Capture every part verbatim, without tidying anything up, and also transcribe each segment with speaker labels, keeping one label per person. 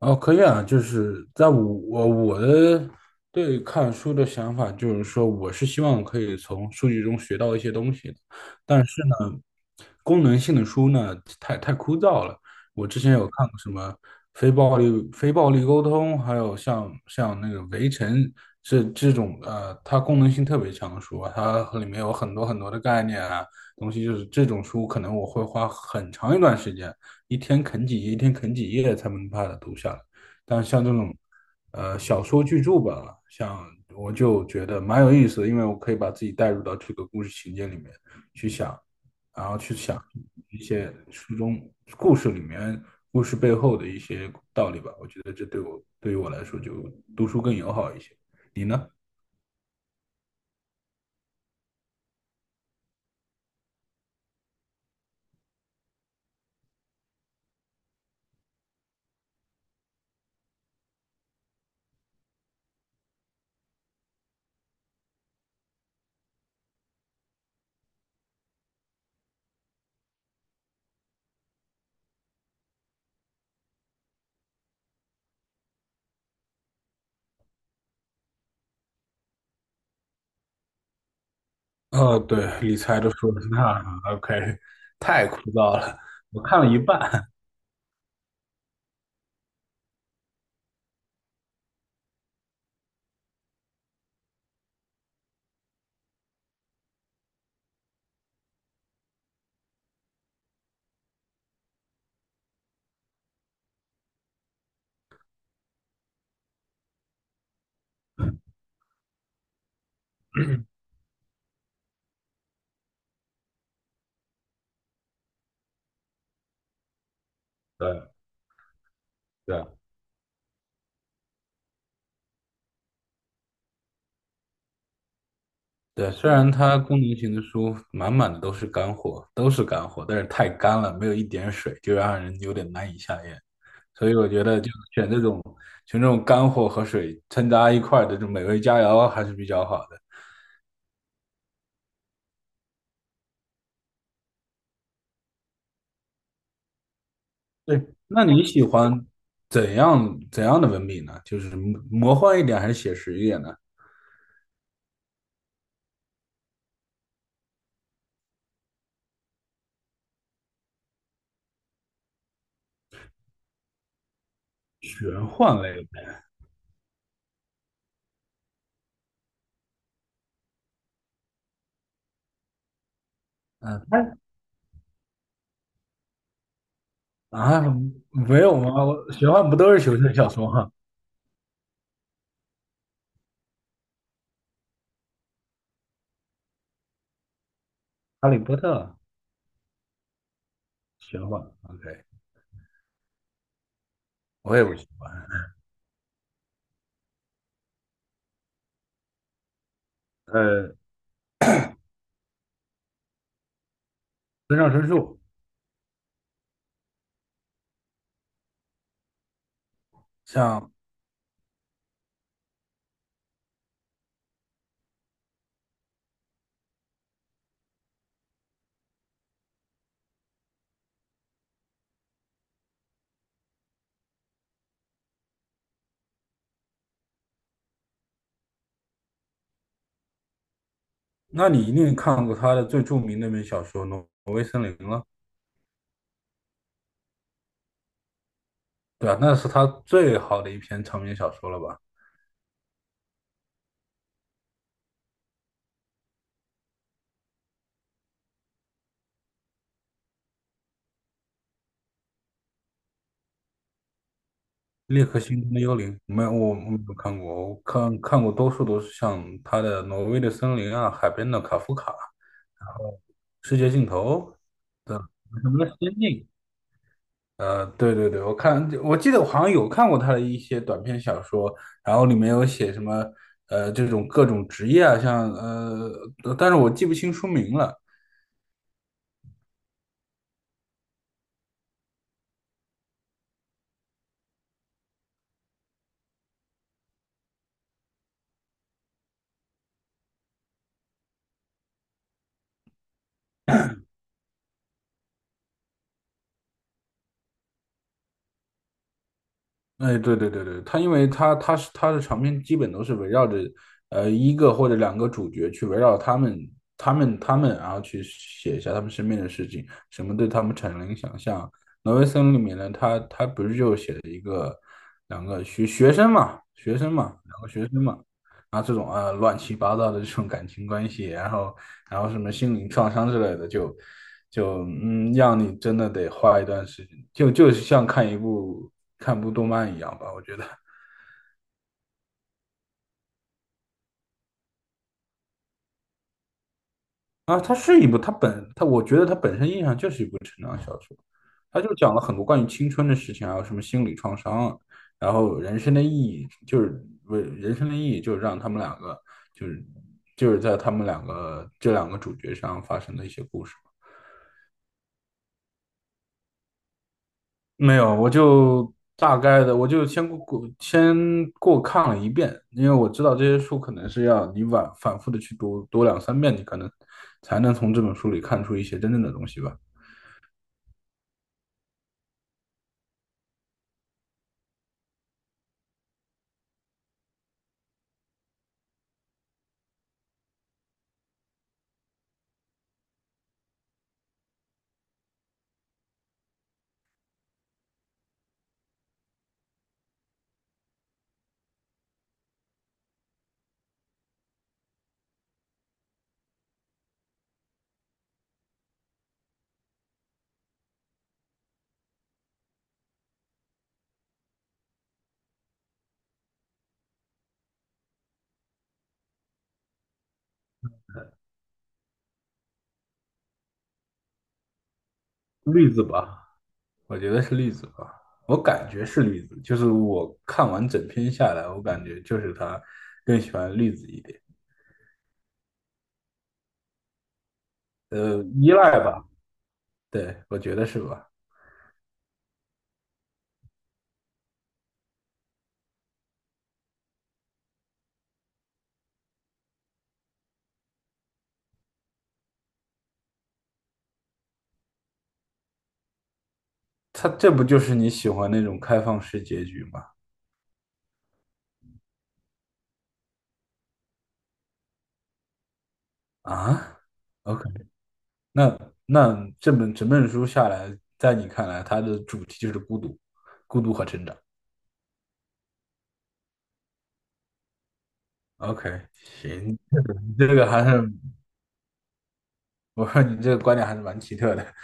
Speaker 1: 哦，可以啊，就是在我我我的对看书的想法，就是说，我是希望可以从数据中学到一些东西的。功能性的书呢，太太枯燥了。我之前有看过什么非暴力、非暴力沟通，还有像像那个《围城》，这这种呃，它功能性特别强的书啊，它里面有很多很多的概念啊东西。就是这种书可能我会花很长一段时间，一天啃几页，一天啃几页才能把它读下来。但像这种呃小说巨著吧，像我就觉得蛮有意思的，因为我可以把自己带入到这个故事情节里面去想，然后去想一些书中故事里面故事背后的一些道理吧。我觉得这对我对于我来说就读书更友好一些。你呢？哦，对，理财都说的书，那 OK，太枯燥了，我看了一半。对对对，虽然它功能型的书满满的都是干货，都是干货，但是太干了，没有一点水，就让人有点难以下咽。所以我觉得就选这种选这种干货和水掺杂一块儿的这种美味佳肴还是比较好的。对，那你喜欢怎样怎样的文笔呢？就是魔魔幻一点还是写实一点呢？玄幻类的。嗯，它啊，没有吗？我玄幻不都是求生小说吗？哈利波特玄幻，OK，我也不行。呃，村上春树，像，那你一定看过他的最著名那本小说《挪挪威森林》了。对啊，那是他最好的一篇长篇小说了吧？《猎客星空的幽灵》，没有，我我没有看过，我看看过多数都是像他的《挪威的森林》啊，《海边的卡夫卡》《世界尽头》什么的《仙境》。呃，对对对，我看我记得我好像有看过他的一些短篇小说，然后里面有写什么呃这种各种职业啊，像呃，但是我记不清书名了。哎，对对对对，他因为他他是他的长篇基本都是围绕着呃一个或者两个主角去围绕他们他们他们，然后去写一下他们身边的事情，什么对他们产生了影响。像挪威森林里面呢，他他不是就写了一个两个学学生嘛，学生嘛，两个学生嘛，啊，这种啊乱七八糟的这种感情关系，然后然后什么心灵创伤之类的，就就嗯，让你真的得花一段时间，就就是像看一部看部动漫一样吧，我觉得啊，它是一部，它本它我觉得它本身印象就是一部成长小说。它就讲了很多关于青春的事情，还有什么心理创伤啊，然后人生的意义就是为人生的意义就是让他们两个就是就是在他们两个这两个主角上发生的一些故事。没有，我就大概的，我就先过过先过看了一遍，因为我知道这些书可能是要你反反复的去读读两三遍，你可能才能从这本书里看出一些真正的东西吧。例子吧，我觉得是例子吧，我感觉是例子，就是我看完整篇下来，我感觉就是他更喜欢例子一点。呃，依赖吧，对，我觉得是吧？他这不就是你喜欢那种开放式结局吗？啊？OK？o k， 那那这本整本书下来，在你看来，它的主题就是孤独、孤独和成长。OK，行，你这个还是我说你这个观点还是蛮奇特的，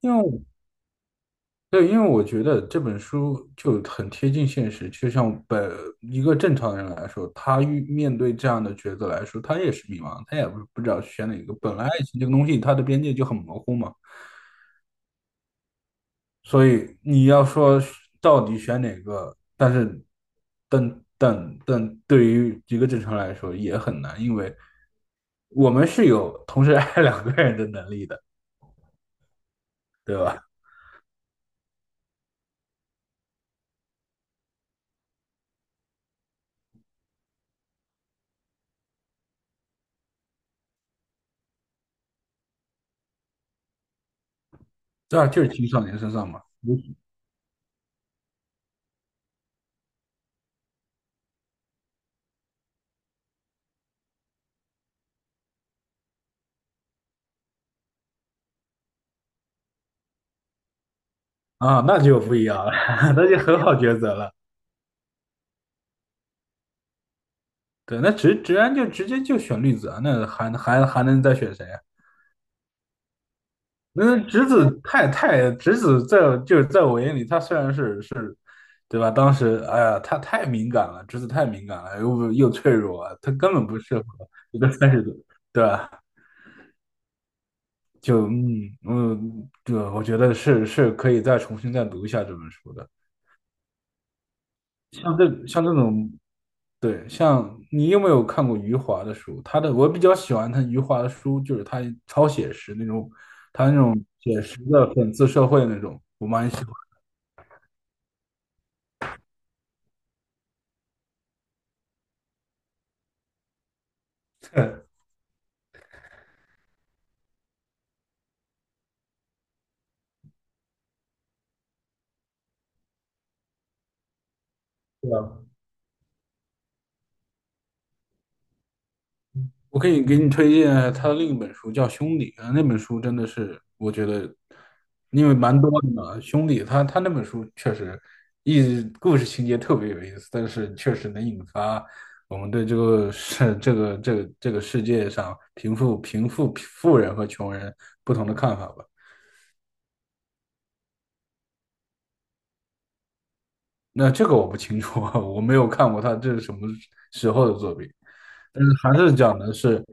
Speaker 1: 因为我对，因为我觉得这本书就很贴近现实，就像本一个正常人来说，他遇面对这样的抉择来说，他也是迷茫，他也不不知道选哪个。本来爱情这个东西，它的边界就很模糊嘛。所以你要说到底选哪个，但是，等等等，对于一个正常来说也很难，因为我们是有同时爱两个人的能力的，这就是青少年身上嘛。啊，那就不一样了，那就很好抉择了。对，那直直然就直接就选绿子啊，那还还还能再选谁啊？那侄子太太侄子在就是在我眼里，他虽然是是，对吧？当时哎呀，他太敏感了，侄子太敏感了，又又脆弱，他根本不适合一个三十多，对吧？就嗯嗯，对，我觉得是是可以再重新再读一下这本书的。像这像这种。对，像你有没有看过余华的书？他的我比较喜欢他余华的书，就是他超写实那种，他那种写实的讽刺社会那种，我蛮喜欢。的，对啊，我可以给你推荐他的另一本书，叫《兄弟》啊，那本书真的是我觉得，因为蛮多的嘛，《兄弟》他他那本书确实一故事情节特别有意思，但是确实能引发我们对这个世这个这个这个世界上贫富贫富富人和穷人不同的看法吧。那这个我不清楚，我没有看过他这是什么时候的作品，但是还是讲的是，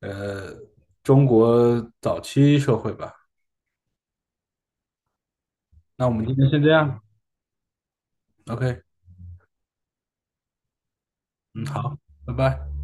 Speaker 1: 呃，中国早期社会吧。那我们今天先这样，OK，嗯，好，拜拜。